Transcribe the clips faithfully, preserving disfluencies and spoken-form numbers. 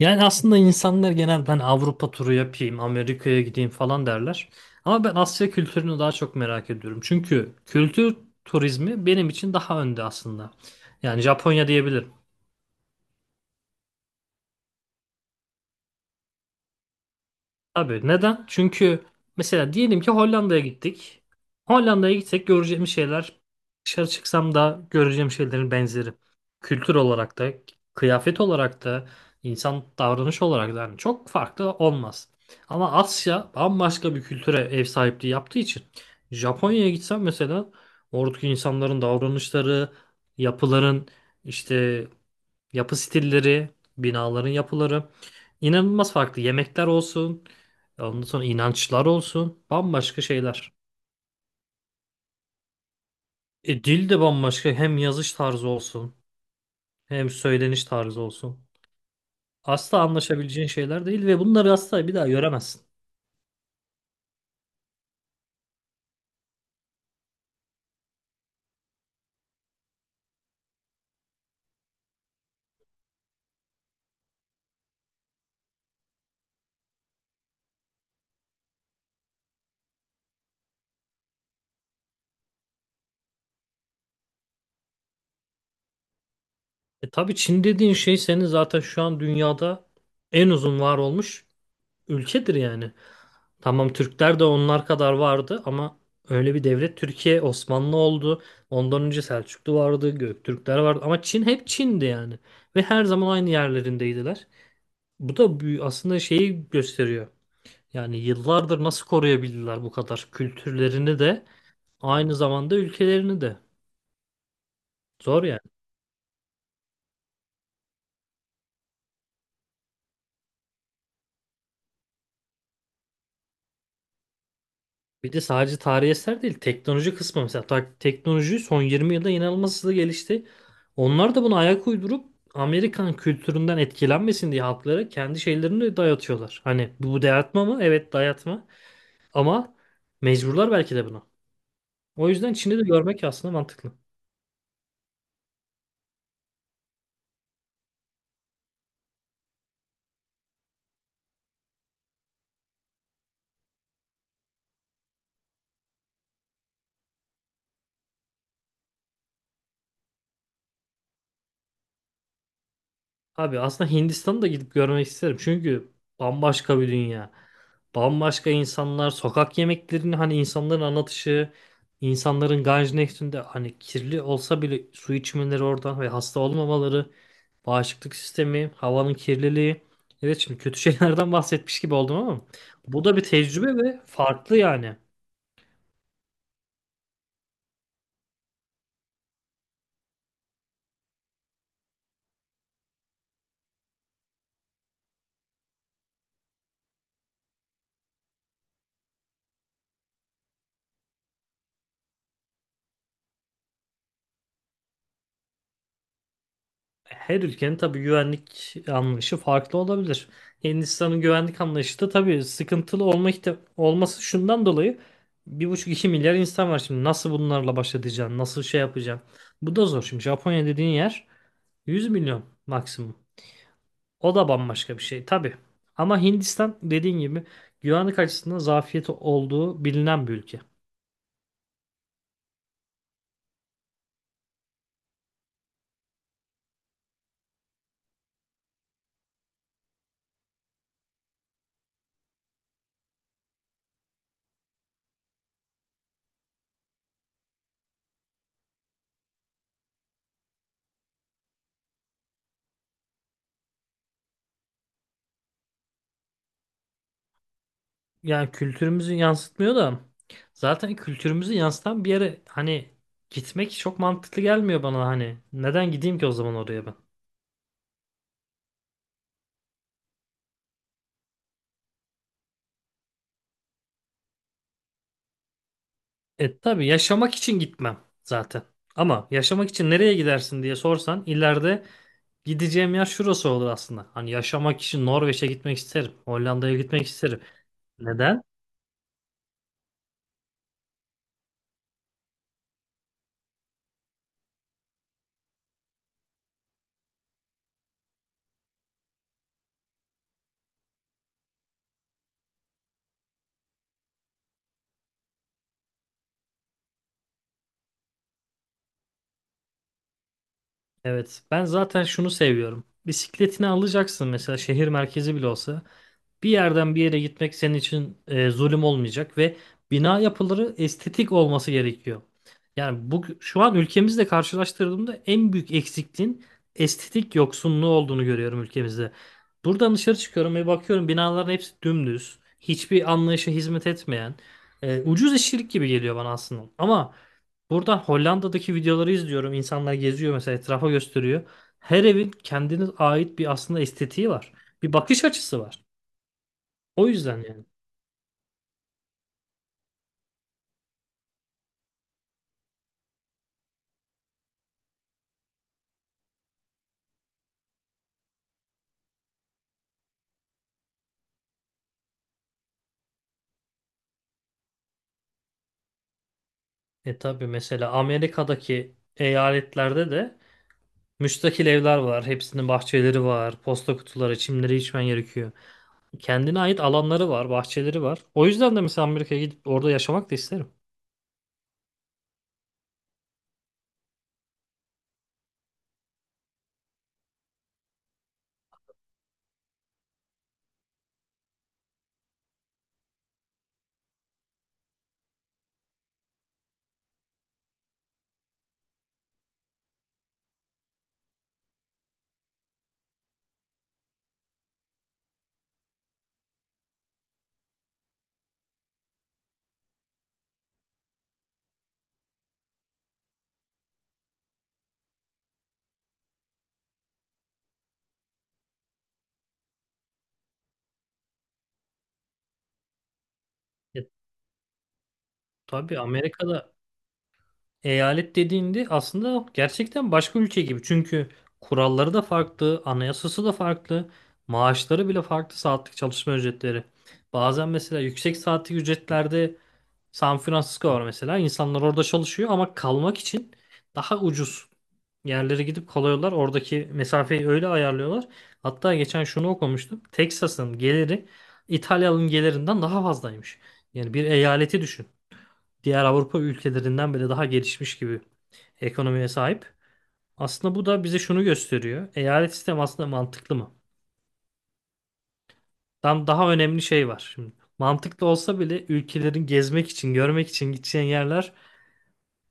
Yani aslında insanlar genel ben Avrupa turu yapayım, Amerika'ya gideyim falan derler. Ama ben Asya kültürünü daha çok merak ediyorum. Çünkü kültür turizmi benim için daha önde aslında. Yani Japonya diyebilirim. Abi neden? Çünkü mesela diyelim ki Hollanda'ya gittik. Hollanda'ya gitsek göreceğim şeyler dışarı çıksam da göreceğim şeylerin benzeri. Kültür olarak da, kıyafet olarak da, insan davranış olarak da yani çok farklı olmaz. Ama Asya bambaşka bir kültüre ev sahipliği yaptığı için Japonya'ya gitsem mesela oradaki insanların davranışları, yapıların işte yapı stilleri, binaların yapıları inanılmaz farklı. Yemekler olsun, ondan sonra inançlar olsun, bambaşka şeyler. E, dil de bambaşka. Hem yazış tarzı olsun, hem söyleniş tarzı olsun. Asla anlaşabileceğin şeyler değil ve bunları asla bir daha göremezsin. E tabii Çin dediğin şey senin zaten şu an dünyada en uzun var olmuş ülkedir yani. Tamam Türkler de onlar kadar vardı ama öyle bir devlet Türkiye Osmanlı oldu. Ondan önce Selçuklu vardı, Göktürkler vardı ama Çin hep Çin'di yani. Ve her zaman aynı yerlerindeydiler. Bu da büyü- aslında şeyi gösteriyor. Yani yıllardır nasıl koruyabildiler bu kadar kültürlerini de aynı zamanda ülkelerini de. Zor yani. Bir de sadece tarihi eser değil, teknoloji kısmı mesela ta- teknoloji son yirmi yılda inanılmaz hızlı gelişti. Onlar da buna ayak uydurup Amerikan kültüründen etkilenmesin diye halklara kendi şeylerini de dayatıyorlar. Hani bu dayatma mı? Evet dayatma. Ama mecburlar belki de buna. O yüzden Çin'i de görmek aslında mantıklı. Abi aslında Hindistan'ı da gidip görmek isterim. Çünkü bambaşka bir dünya. Bambaşka insanlar, sokak yemeklerini hani insanların anlatışı, insanların Ganj Nehri'nde hani kirli olsa bile su içmeleri oradan ve hasta olmamaları, bağışıklık sistemi, havanın kirliliği. Evet şimdi kötü şeylerden bahsetmiş gibi oldum ama bu da bir tecrübe ve farklı yani. Her ülkenin tabii güvenlik anlayışı farklı olabilir. Hindistan'ın güvenlik anlayışı da tabii sıkıntılı olma ihti- olması şundan dolayı bir buçuk iki milyar insan var şimdi. Nasıl bunlarla baş edeceksin? Nasıl şey yapacaksın? Bu da zor. Şimdi Japonya dediğin yer yüz milyon maksimum. O da bambaşka bir şey tabii. Ama Hindistan dediğin gibi güvenlik açısından zafiyeti olduğu bilinen bir ülke. Yani kültürümüzü yansıtmıyor da zaten kültürümüzü yansıtan bir yere hani gitmek çok mantıklı gelmiyor bana hani. Neden gideyim ki o zaman oraya ben? E tabii yaşamak için gitmem zaten. Ama yaşamak için nereye gidersin diye sorsan ileride gideceğim yer şurası olur aslında. Hani yaşamak için Norveç'e gitmek isterim. Hollanda'ya gitmek isterim. Neden? Evet ben zaten şunu seviyorum. Bisikletini alacaksın mesela şehir merkezi bile olsa. Bir yerden bir yere gitmek senin için e, zulüm olmayacak ve bina yapıları estetik olması gerekiyor. Yani bu şu an ülkemizle karşılaştırdığımda en büyük eksikliğin estetik yoksunluğu olduğunu görüyorum ülkemizde. Buradan dışarı çıkıyorum ve bakıyorum binaların hepsi dümdüz, hiçbir anlayışa hizmet etmeyen, e, ucuz işçilik gibi geliyor bana aslında. Ama buradan Hollanda'daki videoları izliyorum. İnsanlar geziyor mesela etrafa gösteriyor. Her evin kendine ait bir aslında estetiği var. Bir bakış açısı var. O yüzden yani. E tabii mesela Amerika'daki eyaletlerde de müstakil evler var. Hepsinin bahçeleri var, posta kutuları, çimleri içmen gerekiyor. Kendine ait alanları var, bahçeleri var. O yüzden de mesela Amerika'ya gidip orada yaşamak da isterim. E tabii Amerika'da eyalet dediğinde aslında gerçekten başka ülke gibi. Çünkü kuralları da farklı, anayasası da farklı, maaşları bile farklı saatlik çalışma ücretleri. Bazen mesela yüksek saatlik ücretlerde San Francisco var mesela. İnsanlar orada çalışıyor ama kalmak için daha ucuz yerlere gidip kalıyorlar. Oradaki mesafeyi öyle ayarlıyorlar. Hatta geçen şunu okumuştum. Texas'ın geliri İtalya'nın gelirinden daha fazlaymış. Yani bir eyaleti düşün. Diğer Avrupa ülkelerinden bile daha gelişmiş gibi ekonomiye sahip. Aslında bu da bize şunu gösteriyor. Eyalet sistemi aslında mantıklı mı? Tam daha önemli şey var şimdi. Mantıklı olsa bile ülkelerin gezmek için, görmek için gideceğin yerler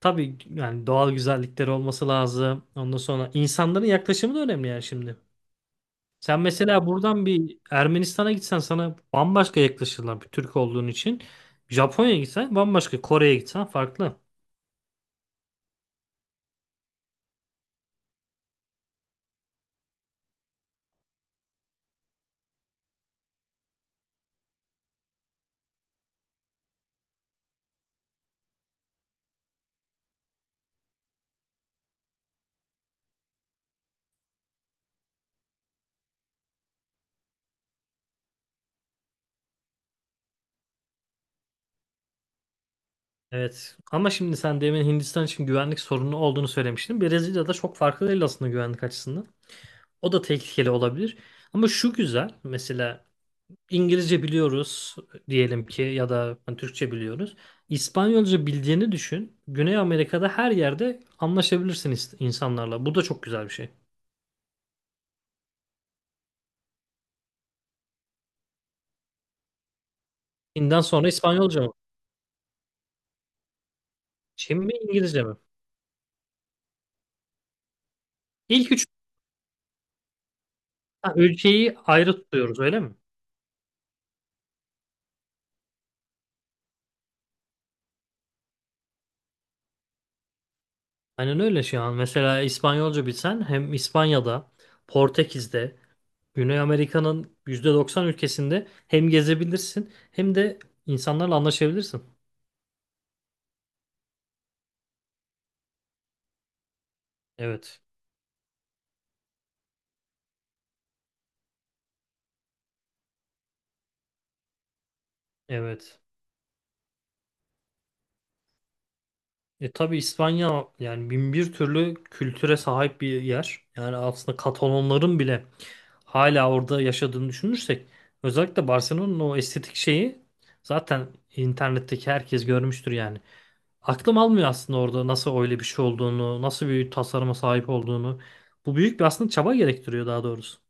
tabii yani doğal güzellikleri olması lazım. Ondan sonra insanların yaklaşımı da önemli yani şimdi. Sen mesela buradan bir Ermenistan'a gitsen sana bambaşka yaklaşırlar bir Türk olduğun için. Japonya'ya gitsen bambaşka, Kore'ye gitsen farklı. Evet ama şimdi sen demin Hindistan için güvenlik sorunu olduğunu söylemiştin. Brezilya'da çok farklı değil aslında güvenlik açısından. O da tehlikeli olabilir. Ama şu güzel mesela İngilizce biliyoruz diyelim ki ya da hani Türkçe biliyoruz. İspanyolca bildiğini düşün. Güney Amerika'da her yerde anlaşabilirsin is- insanlarla. Bu da çok güzel bir şey. Çin'den sonra İspanyolca mı? Çin mi İngilizce mi? İlk üç. Ha, ülkeyi ayrı tutuyoruz öyle mi? Aynen öyle şu an. Mesela İspanyolca bilsen hem İspanya'da, Portekiz'de, Güney Amerika'nın yüzde doksan ülkesinde hem gezebilirsin hem de insanlarla anlaşabilirsin. Evet. Evet. E tabii İspanya yani bin bir türlü kültüre sahip bir yer. Yani aslında Katalonların bile hala orada yaşadığını düşünürsek özellikle Barcelona'nın o estetik şeyi zaten internetteki herkes görmüştür yani. Aklım almıyor aslında orada nasıl öyle bir şey olduğunu, nasıl bir tasarıma sahip olduğunu. Bu büyük bir aslında çaba gerektiriyor daha doğrusu.